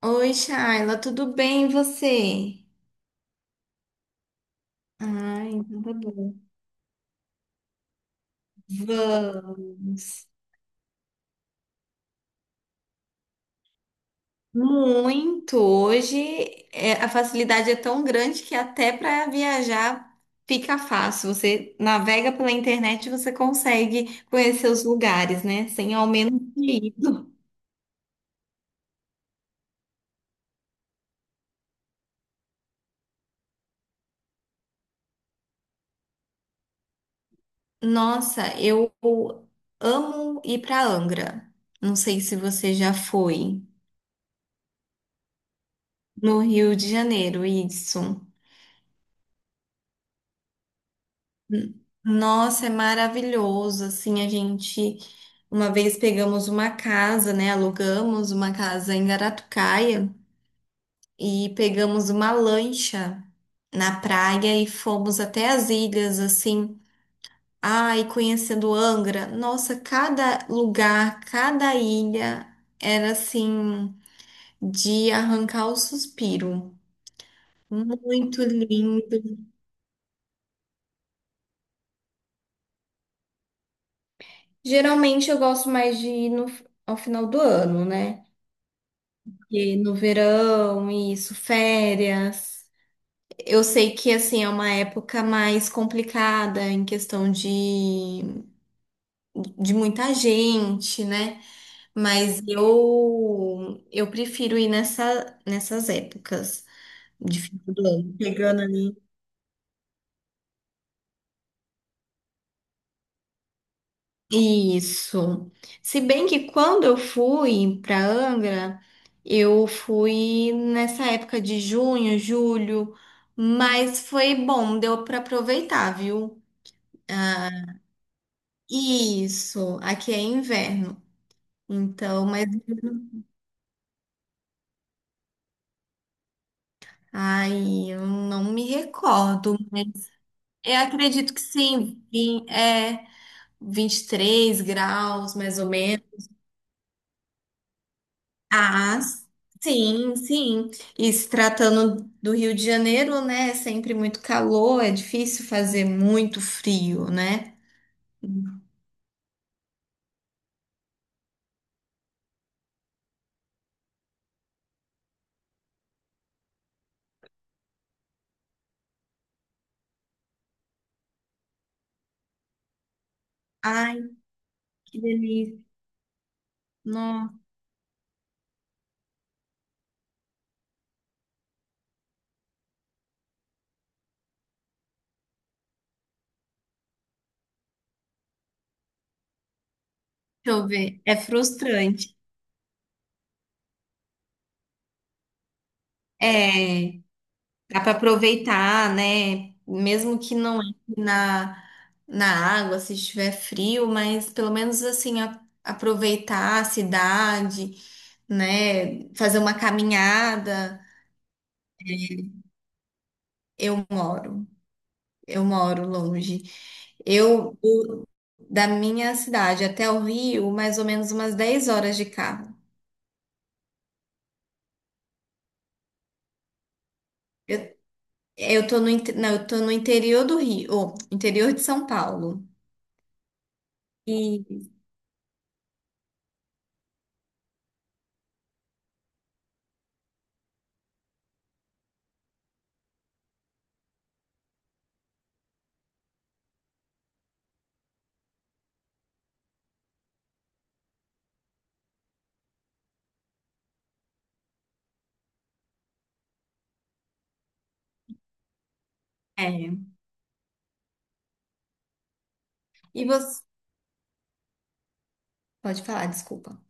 Oi, Shaila, tudo bem e você? Ai, então tá bom. Vamos. Muito. A facilidade é tão grande que até para viajar fica fácil. Você navega pela internet e você consegue conhecer os lugares, né? Sem ao menos ter ido. Nossa, eu amo ir para Angra. Não sei se você já foi no Rio de Janeiro, isso. Nossa, é maravilhoso. Assim, a gente uma vez pegamos uma casa, né? Alugamos uma casa em Garatucaia e pegamos uma lancha na praia e fomos até as ilhas, assim. Ai, conhecendo Angra. Nossa, cada lugar, cada ilha era assim de arrancar o suspiro. Muito lindo. Geralmente eu gosto mais de ir no, ao final do ano, né? E no verão, isso, férias. Eu sei que assim é uma época mais complicada em questão de muita gente, né? Mas eu prefiro ir nessas épocas de final do ano, pegando ali. Isso. Se bem que quando eu fui para Angra, eu fui nessa época de junho, julho, mas foi bom, deu para aproveitar, viu? Isso, aqui é inverno. Então, mas ai, eu não me recordo, mas eu acredito que sim, é 23 graus, mais ou menos. Ah, sim, sim. E se tratando do Rio de Janeiro, né? É sempre muito calor, é difícil fazer muito frio, né? Ai, que delícia. Nossa, deixa eu ver. É frustrante. É. Dá para aproveitar, né? Mesmo que não entre na água, se estiver frio, mas pelo menos assim, aproveitar a cidade, né? Fazer uma caminhada. Eu moro, eu moro longe. Eu, eu- da minha cidade até o Rio, mais ou menos umas 10 horas de carro. Eu, eu tô não, eu tô no interior do Rio, ou interior de São Paulo. E, é, e você. Pode falar, desculpa.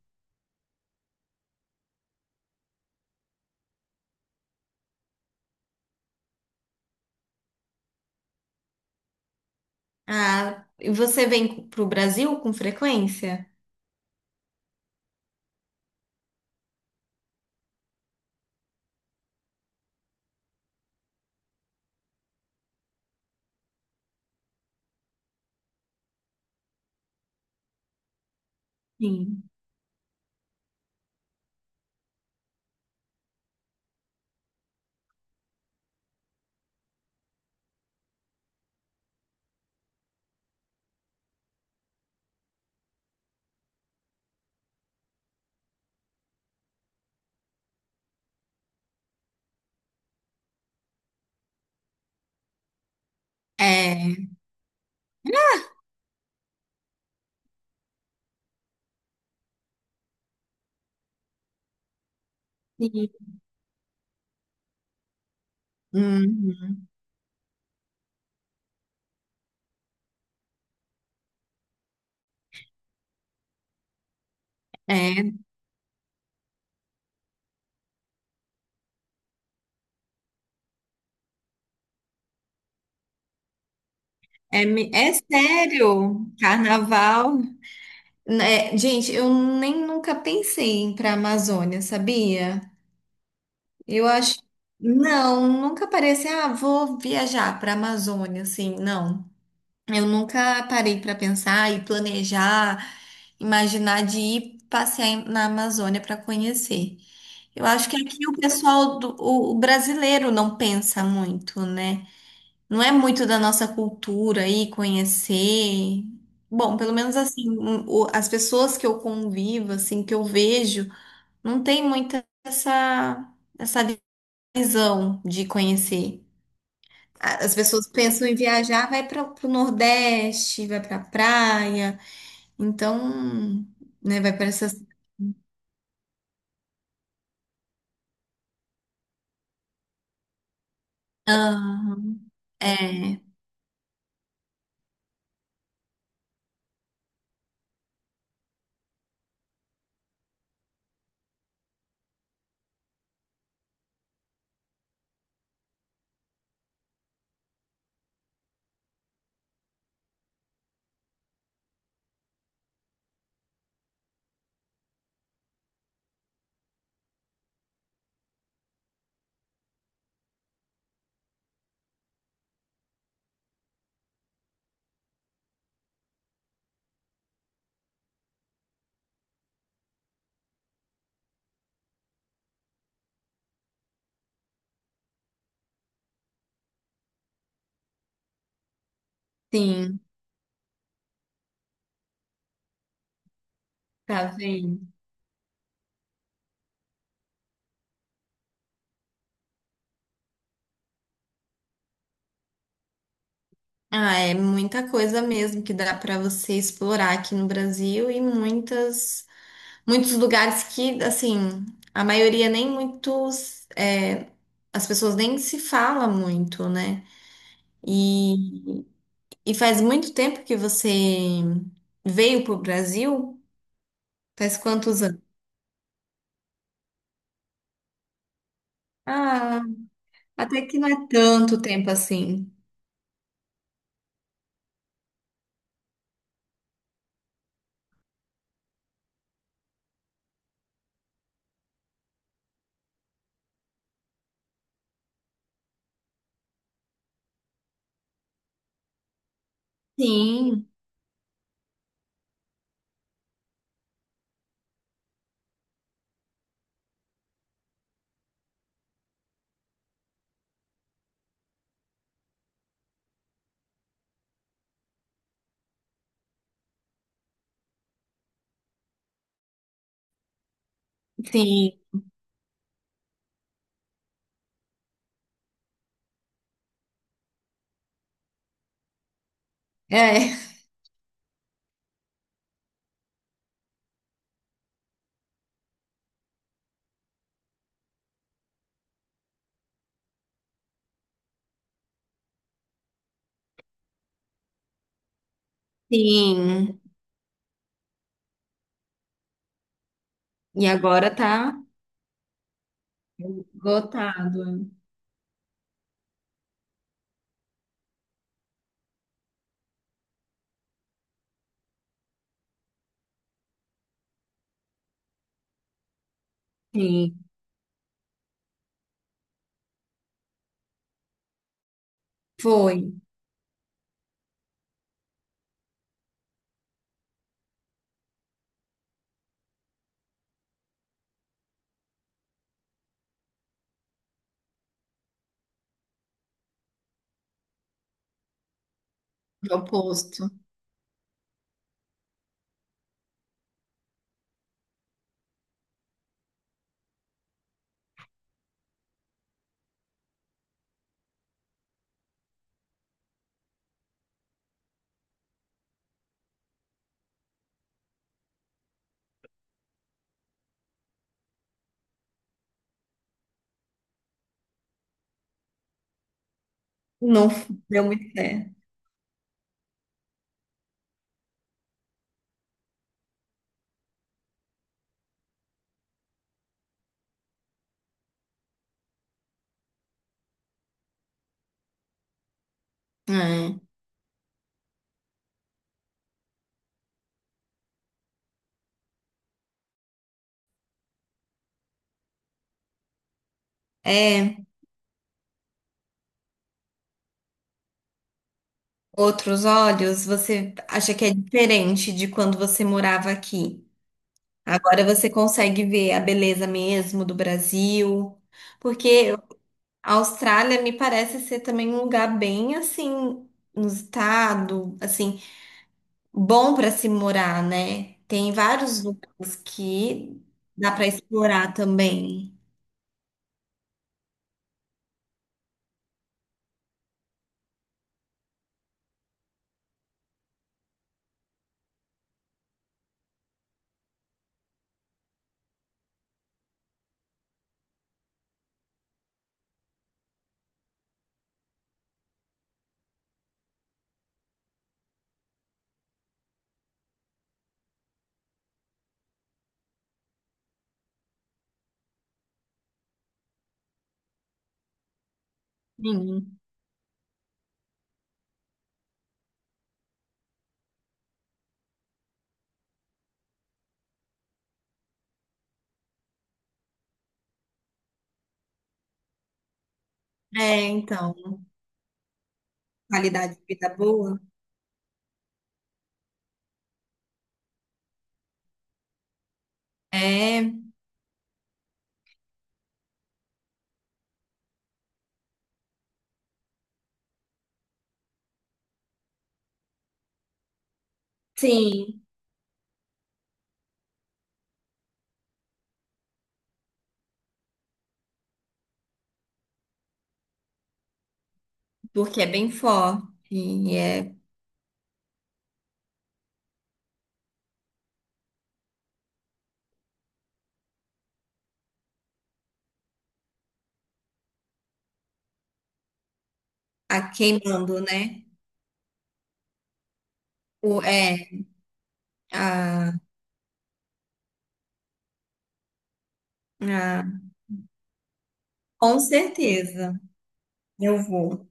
Ah, e você vem para o Brasil com frequência? Sim. É. Sim. Uhum. É, é sério, carnaval. É, gente, eu nem nunca pensei em ir para a Amazônia, sabia? Eu acho. Não, nunca parei assim, ah, vou viajar para a Amazônia, assim, não. Eu nunca parei para pensar e planejar, imaginar de ir passear na Amazônia para conhecer. Eu acho que aqui o pessoal o brasileiro não pensa muito, né? Não é muito da nossa cultura aí conhecer. Bom, pelo menos assim, as pessoas que eu convivo, assim, que eu vejo, não tem muita essa visão de conhecer. As pessoas pensam em viajar, vai para o Nordeste, vai para praia, então, né, vai para essas. Ah, é, sim, tá vendo? Ah, é muita coisa mesmo que dá para você explorar aqui no Brasil e muitas, muitos lugares que, assim, a maioria nem muitos, é, as pessoas nem se fala muito, né? E, e faz muito tempo que você veio pro Brasil? Faz quantos anos? Ah, até que não é tanto tempo assim. Sim, sim, é, sim. E agora tá esgotado. Sim, foi. É o oposto. Não deu muito certo. É, É, outros olhos, você acha que é diferente de quando você morava aqui. Agora você consegue ver a beleza mesmo do Brasil, porque a Austrália me parece ser também um lugar bem assim, no estado, assim, bom para se morar, né? Tem vários lugares que dá para explorar também. É. Sim. É, então, qualidade de vida boa. É. Sim, porque é bem forte e é a queimando, né? O, é, a, a, com certeza eu vou.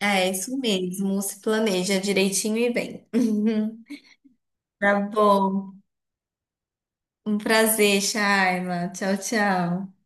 É isso mesmo, se planeja direitinho e bem. Tá bom, um prazer, Shaila. Tchau, tchau.